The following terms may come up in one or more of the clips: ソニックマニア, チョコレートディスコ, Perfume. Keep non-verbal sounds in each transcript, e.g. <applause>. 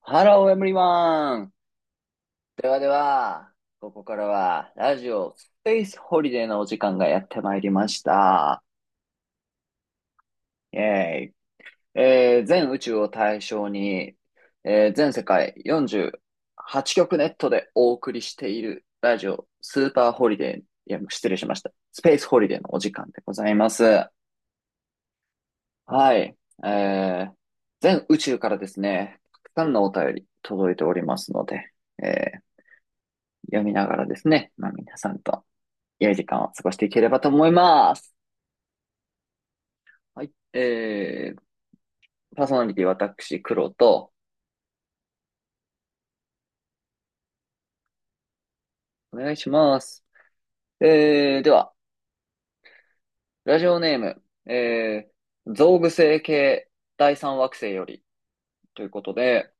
ハロー、エムリマン。ではでは、ここからは、ラジオスペースホリデーのお時間がやってまいりました。イェーイ。全宇宙を対象に、全世界48局ネットでお送りしているラジオスーパーホリデー、いや、失礼しました。スペースホリデーのお時間でございます。はい。えー全宇宙からですね、たくさんのお便り届いておりますので、えー読みながらですね、まあ皆さんと良い時間を過ごしていければと思います。はい。えー、パーソナリティ私、黒と、お願いします。えー、では、ラジオネーム、えー、グ具星系第三惑星よりということで、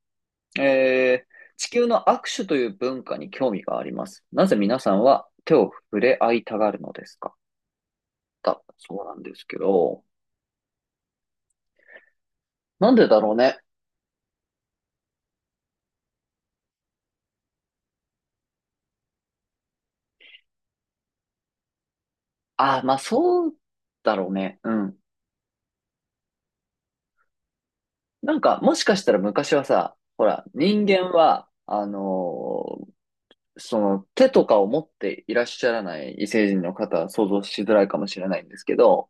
えー、地球の握手という文化に興味があります。なぜ皆さんは手を触れ合いたがるのですかだ、そうなんですけど、なんでだろうね。あ、まあそうだろうね。うん。なんか、もしかしたら昔はさ、ほら、人間は、その手とかを持っていらっしゃらない異星人の方は想像しづらいかもしれないんですけど、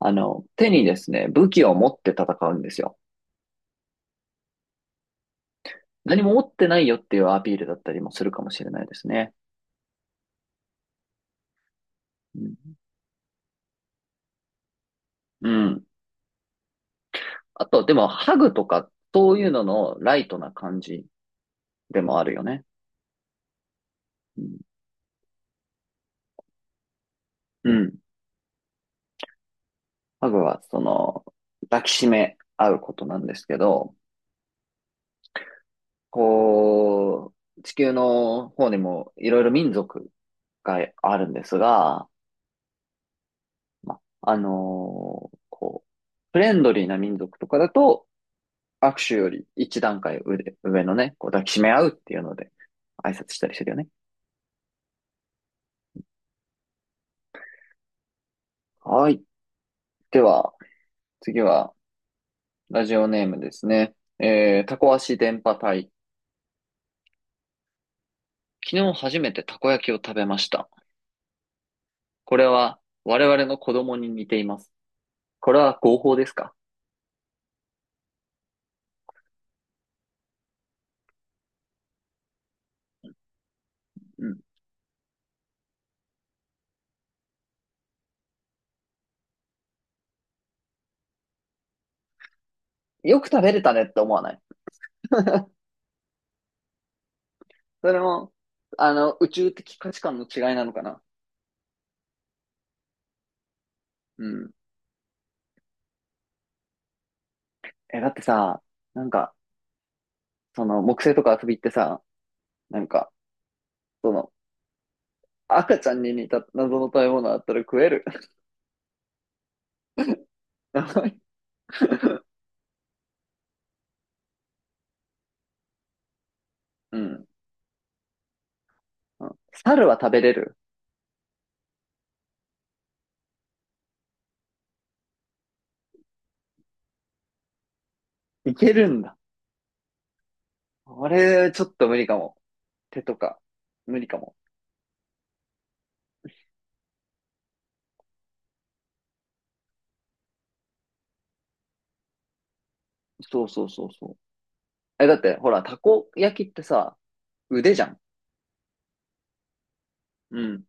あの、手にですね、武器を持って戦うんですよ。何も持ってないよっていうアピールだったりもするかもしれないですね。うんうん。あと、でも、ハグとか、そういうののライトな感じでもあるよね。うん。うんハグは、その、抱きしめ合うことなんですけど、こう、地球の方にもいろいろ民族があるんですが、まあ、こう、フレンドリーな民族とかだと、握手より一段階上で、上のね、こう抱きしめ合うっていうので、挨拶したりしてるよね。はい。では、次は、ラジオネームですね。えー、タコ足電波隊。昨日初めてたこ焼きを食べました。これは、我々の子供に似ています。これは合法ですかうん。よく食べれたねって思わないそれも、あの、宇宙的価値観の違いなのかな。うん。え、だってさ、なんか、その、木星とか遊びってさ、なんか、その、赤ちゃんに似た謎の食べ物あったら食える。<laughs> やばいうん。うん猿は食べれる。いけるんだ。あれちょっと無理かも。手とか、無理かも。そうそうそうそう。え、だって、ほら、たこ焼きってさ、腕じゃん。うん。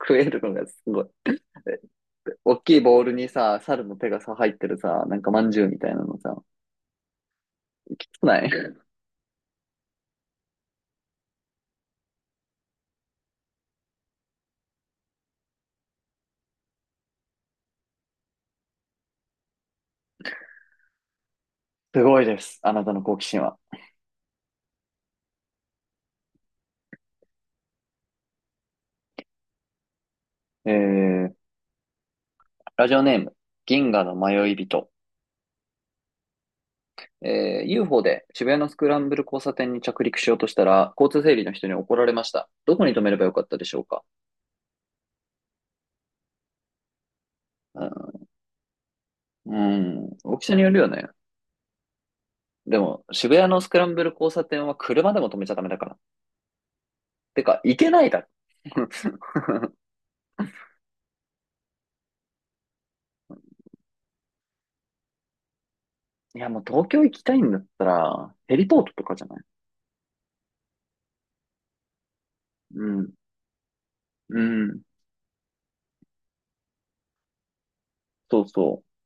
食えるのがすごい。え大きいボウルにさ、猿の手がさ、入ってるさ、なんかまんじゅうみたいなのさ、少ないすごいです。あなたの好奇心は。えー、ラジオネーム、銀河の迷い人。えー、UFO で渋谷のスクランブル交差点に着陸しようとしたら、交通整理の人に怒られました。どこに止めればよかったでしょうかうん、うん大きさによるよね。でも、渋谷のスクランブル交差点は車でも止めちゃダメだから。てか、行けないだろ。<laughs> いや、もう東京行きたいんだったら、ヘリポートとかじゃないうん、うん、そうそう。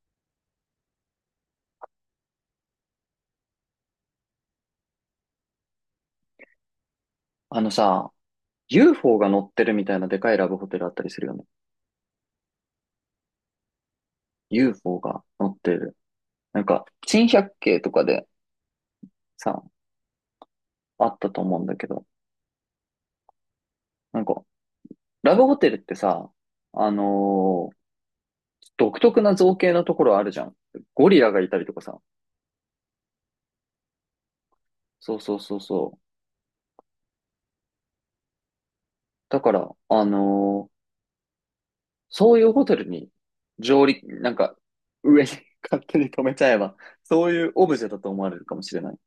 あのさ、UFO が乗ってるみたいなでかいラブホテルあったりするよね。UFO が乗ってる。なんか、珍百景とかでさ、あったと思うんだけど、なんか、ラブホテルってさ、あのー独特な造形のところあるじゃん。ゴリラがいたりとかさ。そうそうそうそう。だから、そういうホテルに上陸、なんか、上に <laughs> 勝手に止めちゃえば、そういうオブジェだと思われるかもしれない。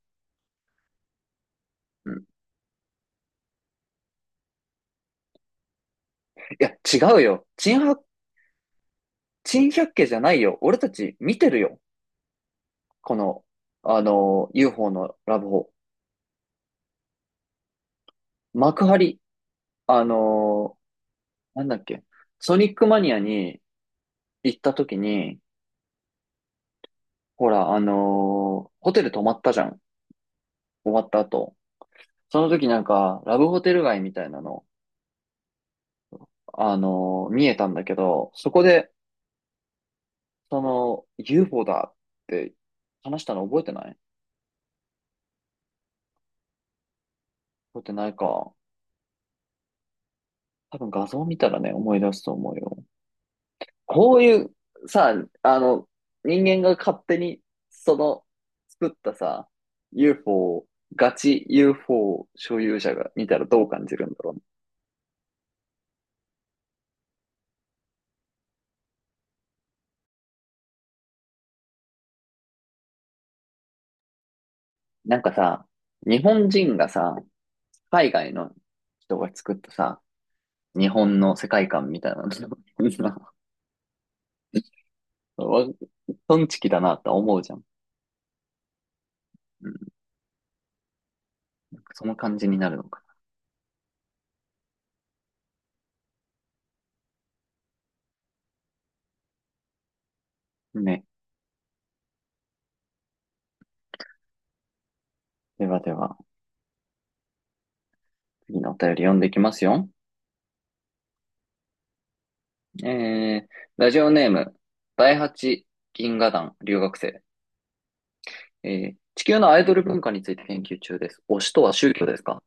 うん。いや、違うよ。珍百、珍百景じゃないよ。俺たち見てるよ。この、あのー UFO のラブホ。幕張、あのーなんだっけ、ソニックマニアに行った時に、ほら、ホテル泊まったじゃん。終わった後。その時なんか、ラブホテル街みたいなの、見えたんだけど、そこで、その、UFO だって話したの覚えてない覚えてないか。多分画像見たらね、思い出すと思うよ。こういうさ、あの、人間が勝手にその作ったさ、UFO を、ガチ UFO 所有者が見たらどう感じるんだろうね。なんかさ、日本人がさ、海外の人が作ったさ、日本の世界観みたいなの <laughs> わトンチキだなって思うじゃん。うん、その感じになるのかな。ね。ではでは、次のお便り読んでいきますよ。えー、ラジオネーム、第八銀河団留学生。えー地球のアイドル文化について研究中です。推しとは宗教ですか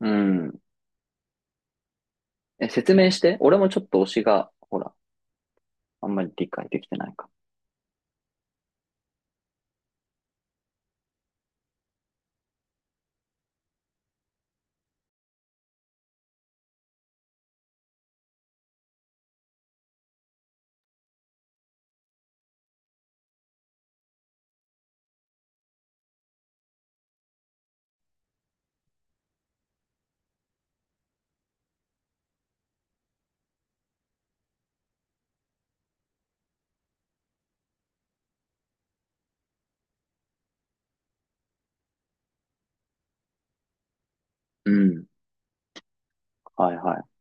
うん。え、説明して。俺もちょっと推しが、ほら、あんまり理解できてないか。うん。はいはい。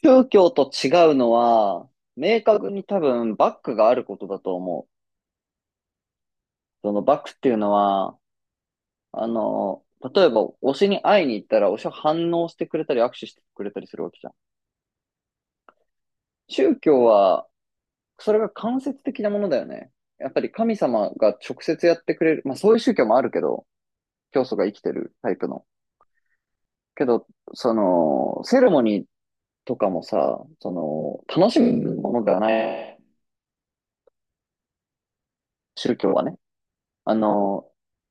宗教と違うのは、明確に多分バックがあることだと思う。そのバックっていうのは、あの、例えば推しに会いに行ったら推しは反応してくれたり握手してくれたりするわけじゃん。宗教は、それが間接的なものだよね。やっぱり神様が直接やってくれる、まあそういう宗教もあるけど、教祖が生きてるタイプの。けど、その、セレモニーとかもさ、その、楽しむものではない、宗教はね。あの、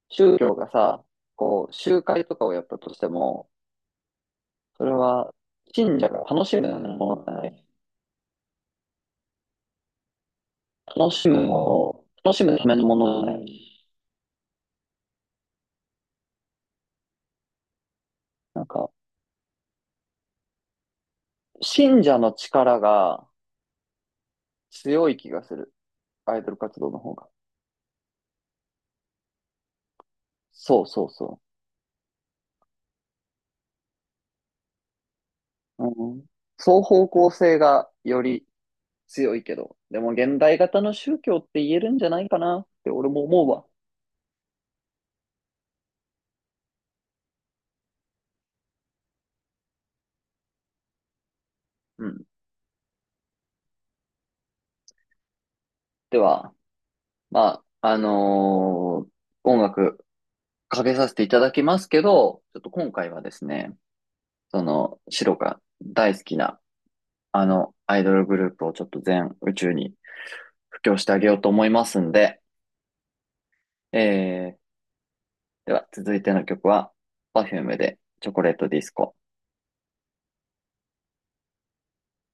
宗教がさ、こう、集会とかをやったとしても、それは、信者が楽しむものじゃない。楽しむものを、楽しむためのものじゃない。なんか、信者の力が強い気がする。アイドル活動の方が。そうそうそう。うん、双方向性がより強いけど、でも現代型の宗教って言えるんじゃないかなって俺も思うわ。うん。では、まあ、音楽かけさせていただきますけど、ちょっと今回はですね、その、シロが大好きなあのアイドルグループをちょっと全宇宙に布教してあげようと思いますんで、えー、では続いての曲は、Perfume でチョコレートディスコ。